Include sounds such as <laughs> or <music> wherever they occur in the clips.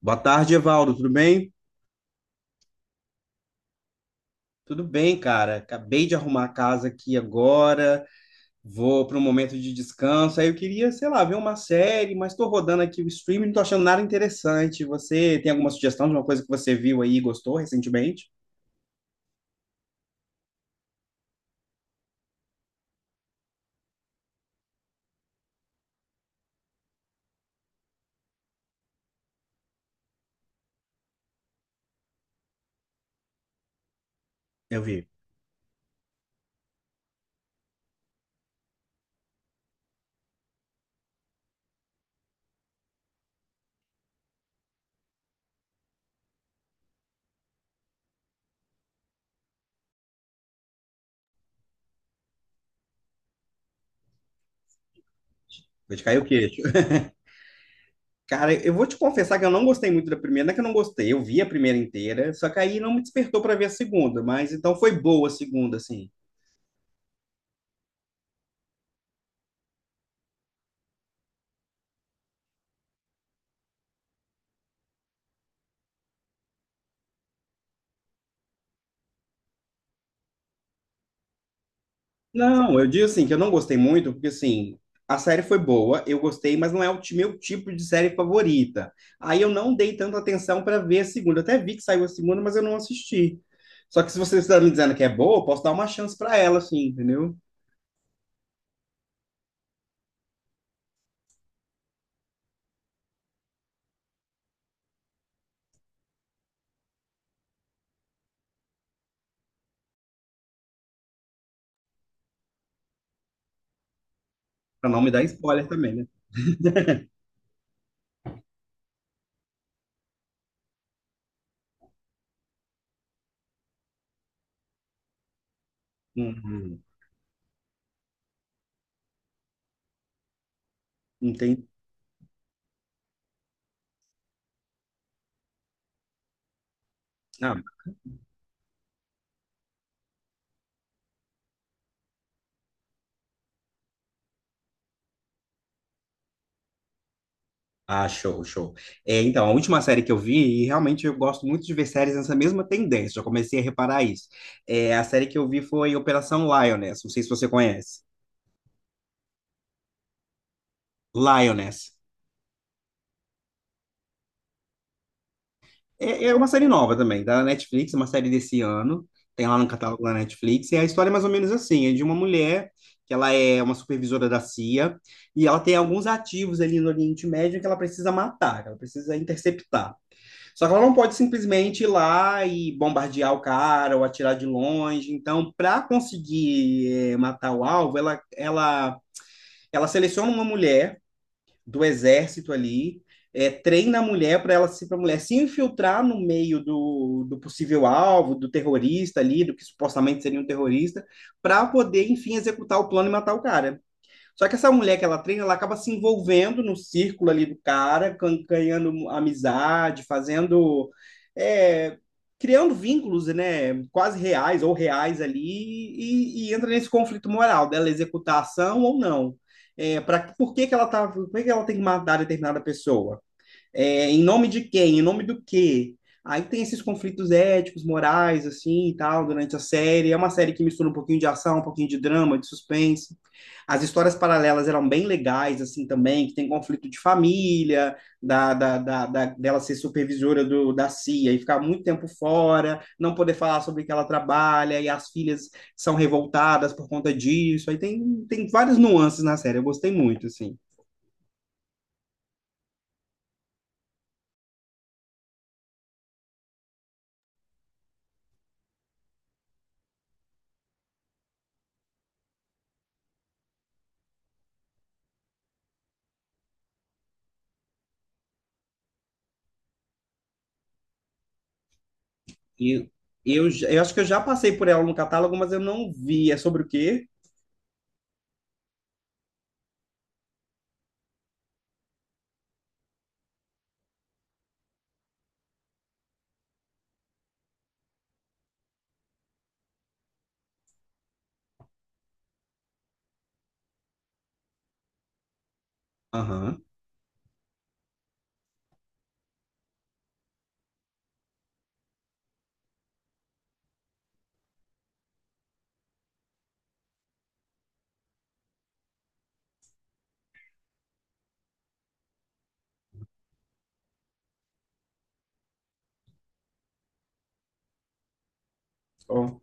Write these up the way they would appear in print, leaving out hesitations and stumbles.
Boa tarde, Evaldo. Tudo bem? Tudo bem, cara. Acabei de arrumar a casa aqui agora. Vou para um momento de descanso. Aí eu queria, sei lá, ver uma série, mas estou rodando aqui o streaming, não estou achando nada interessante. Você tem alguma sugestão de uma coisa que você viu aí e gostou recentemente? Eu vi. Vou te cair o queixo. <laughs> Cara, eu vou te confessar que eu não gostei muito da primeira. Não é que eu não gostei, eu vi a primeira inteira, só que aí não me despertou para ver a segunda. Mas então foi boa a segunda, assim. Não, eu digo assim, que eu não gostei muito, porque assim, a série foi boa, eu gostei, mas não é o meu tipo de série favorita. Aí eu não dei tanta atenção para ver a segunda. Eu até vi que saiu a segunda, mas eu não assisti. Só que se você está me dizendo que é boa, eu posso dar uma chance para ela, assim, entendeu? Para não me dar spoiler também, né? <laughs> Uhum. Entendi. Ah, ah, show, show. É, então, a última série que eu vi, e realmente eu gosto muito de ver séries nessa mesma tendência, já comecei a reparar isso. É, a série que eu vi foi Operação Lioness, não sei se você conhece. Lioness. É, é uma série nova também, da Netflix, uma série desse ano. Tem lá no catálogo da Netflix. E a história é mais ou menos assim: é de uma mulher que ela é uma supervisora da CIA e ela tem alguns ativos ali no Oriente Médio que ela precisa matar, que ela precisa interceptar. Só que ela não pode simplesmente ir lá e bombardear o cara ou atirar de longe. Então, para conseguir matar o alvo, ela seleciona uma mulher do exército ali, é, treina a mulher para ela se para a mulher se infiltrar no meio do possível alvo, do terrorista ali, do que supostamente seria um terrorista, para poder, enfim, executar o plano e matar o cara. Só que essa mulher que ela treina, ela acaba se envolvendo no círculo ali do cara, ganhando amizade, fazendo. É, criando vínculos, né, quase reais ou reais ali, e, entra nesse conflito moral dela executar a ação ou não. É, pra, por que que ela tá, por que que ela tem que matar determinada pessoa? É, em nome de quem? Em nome do quê? Aí tem esses conflitos éticos, morais, assim e tal, durante a série. É uma série que mistura um pouquinho de ação, um pouquinho de drama, de suspense. As histórias paralelas eram bem legais, assim, também, que tem conflito de família, dela ser supervisora da CIA e ficar muito tempo fora, não poder falar sobre o que ela trabalha, e as filhas são revoltadas por conta disso. Aí tem, tem várias nuances na série, eu gostei muito, assim. Eu, eu acho que eu já passei por ela no catálogo, mas eu não vi. É sobre o quê? Aham. Ó.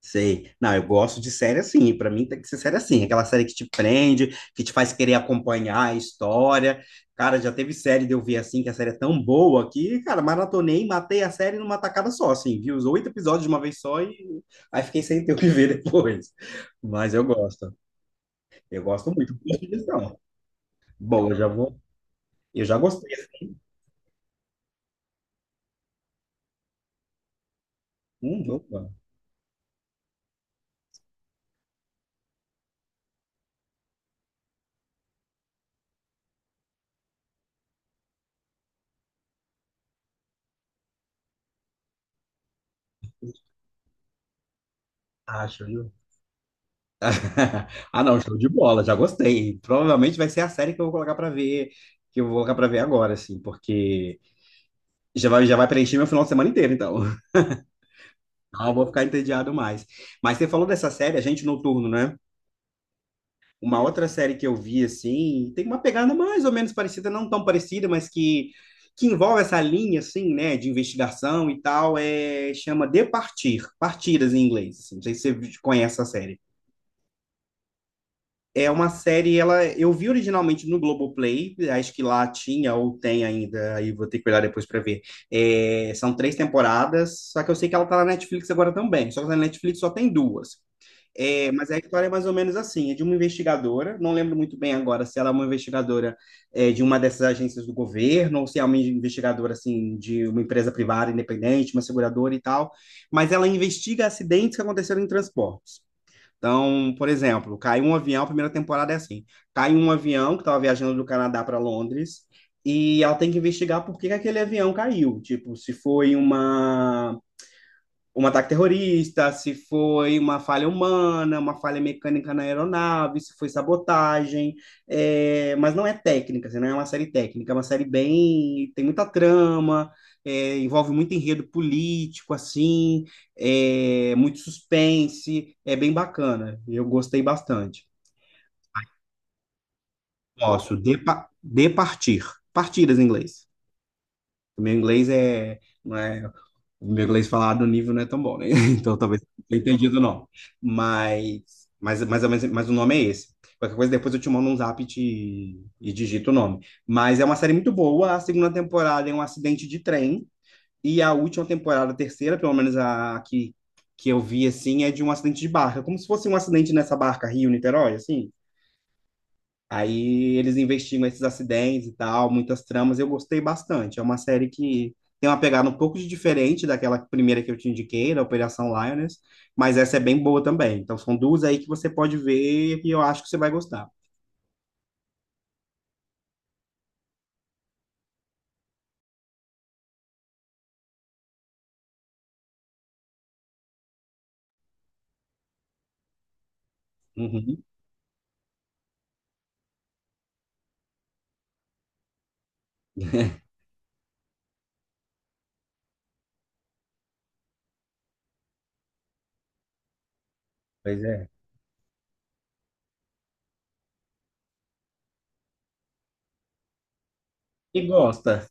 Sei. Não, eu gosto de série assim. Pra mim tem que ser série assim. Aquela série que te prende, que te faz querer acompanhar a história. Cara, já teve série de eu ver assim, que a série é tão boa que, cara, maratonei, matei a série numa tacada só, assim. Vi os oito episódios de uma vez só e aí fiquei sem ter o que ver depois. Mas eu gosto. Eu gosto muito. Boa sugestão. Bom, eu já vou. Eu já gostei. Opa. Acho, viu? <laughs> Ah, não, show de bola, já gostei. Provavelmente vai ser a série que eu vou colocar pra ver, que eu vou colocar pra ver agora, assim, porque já vai preencher meu final de semana inteiro, então. <laughs> Não, eu vou ficar entediado mais. Mas você falou dessa série, Agente Noturno, né? Uma outra série que eu vi, assim, tem uma pegada mais ou menos parecida, não tão parecida, mas que envolve essa linha, assim, né, de investigação e tal, é, chama De Partir, Partidas em inglês, assim. Não sei se você conhece essa série. É uma série, ela eu vi originalmente no Globoplay, acho que lá tinha ou tem ainda, aí vou ter que olhar depois para ver. É, são três temporadas, só que eu sei que ela tá na Netflix agora também, só que na Netflix só tem duas. É, mas a história é mais ou menos assim, é de uma investigadora, não lembro muito bem agora se ela é uma investigadora é, de uma dessas agências do governo ou se é uma investigadora assim de uma empresa privada independente, uma seguradora e tal, mas ela investiga acidentes que aconteceram em transportes. Então, por exemplo, caiu um avião, a primeira temporada é assim: cai um avião que estava viajando do Canadá para Londres e ela tem que investigar por que que aquele avião caiu. Tipo, se foi uma um ataque terrorista, se foi uma falha humana, uma falha mecânica na aeronave, se foi sabotagem, é, mas não é técnica, assim, não é uma série técnica, é uma série bem, tem muita trama, é, envolve muito enredo político, assim, é, muito suspense, é bem bacana, eu gostei bastante. Posso, de, de partir, partidas em inglês. O meu inglês é, não é O meu inglês falado no nível não é tão bom, né? <laughs> Então talvez não tenha entendido, não. Mas, mas o nome é esse. Qualquer coisa, depois eu te mando um zap e, e digito o nome. Mas é uma série muito boa. A segunda temporada é um acidente de trem. E a última temporada, a terceira, pelo menos a que eu vi, assim, é de um acidente de barca. Como se fosse um acidente nessa barca Rio-Niterói, assim. Aí eles investigam esses acidentes e tal, muitas tramas. Eu gostei bastante. É uma série que tem uma pegada um pouco de diferente daquela primeira que eu te indiquei, da Operação Lioness, mas essa é bem boa também. Então são duas aí que você pode ver e eu acho que você vai gostar. Uhum. <laughs> Pois é. E gosta.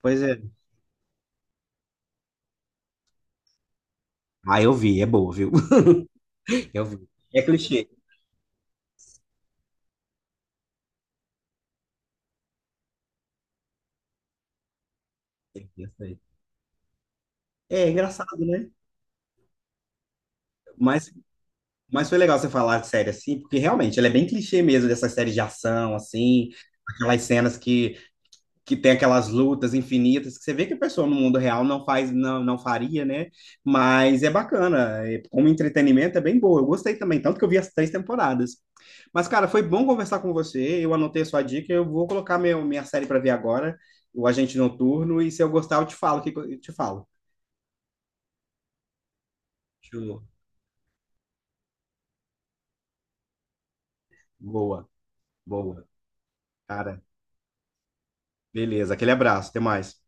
Pois é. Ah, eu vi, é boa, viu? <laughs> Eu vi. É clichê. Eu sei. É engraçado, né? Mas, mas foi legal você falar de série assim, porque realmente ela é bem clichê mesmo, dessa série de ação, assim, aquelas cenas que tem aquelas lutas infinitas que você vê que a pessoa no mundo real não faz, não faria, né? Mas é bacana, é- como entretenimento é bem boa. Eu gostei também, tanto que eu vi as três temporadas. Mas, cara, foi bom conversar com você. Eu anotei a sua dica, eu vou colocar meu, minha série para ver agora, o Agente Noturno, e se eu gostar, eu te falo, o que que eu te falo. Show. Boa, boa. Cara, beleza, aquele abraço, até mais.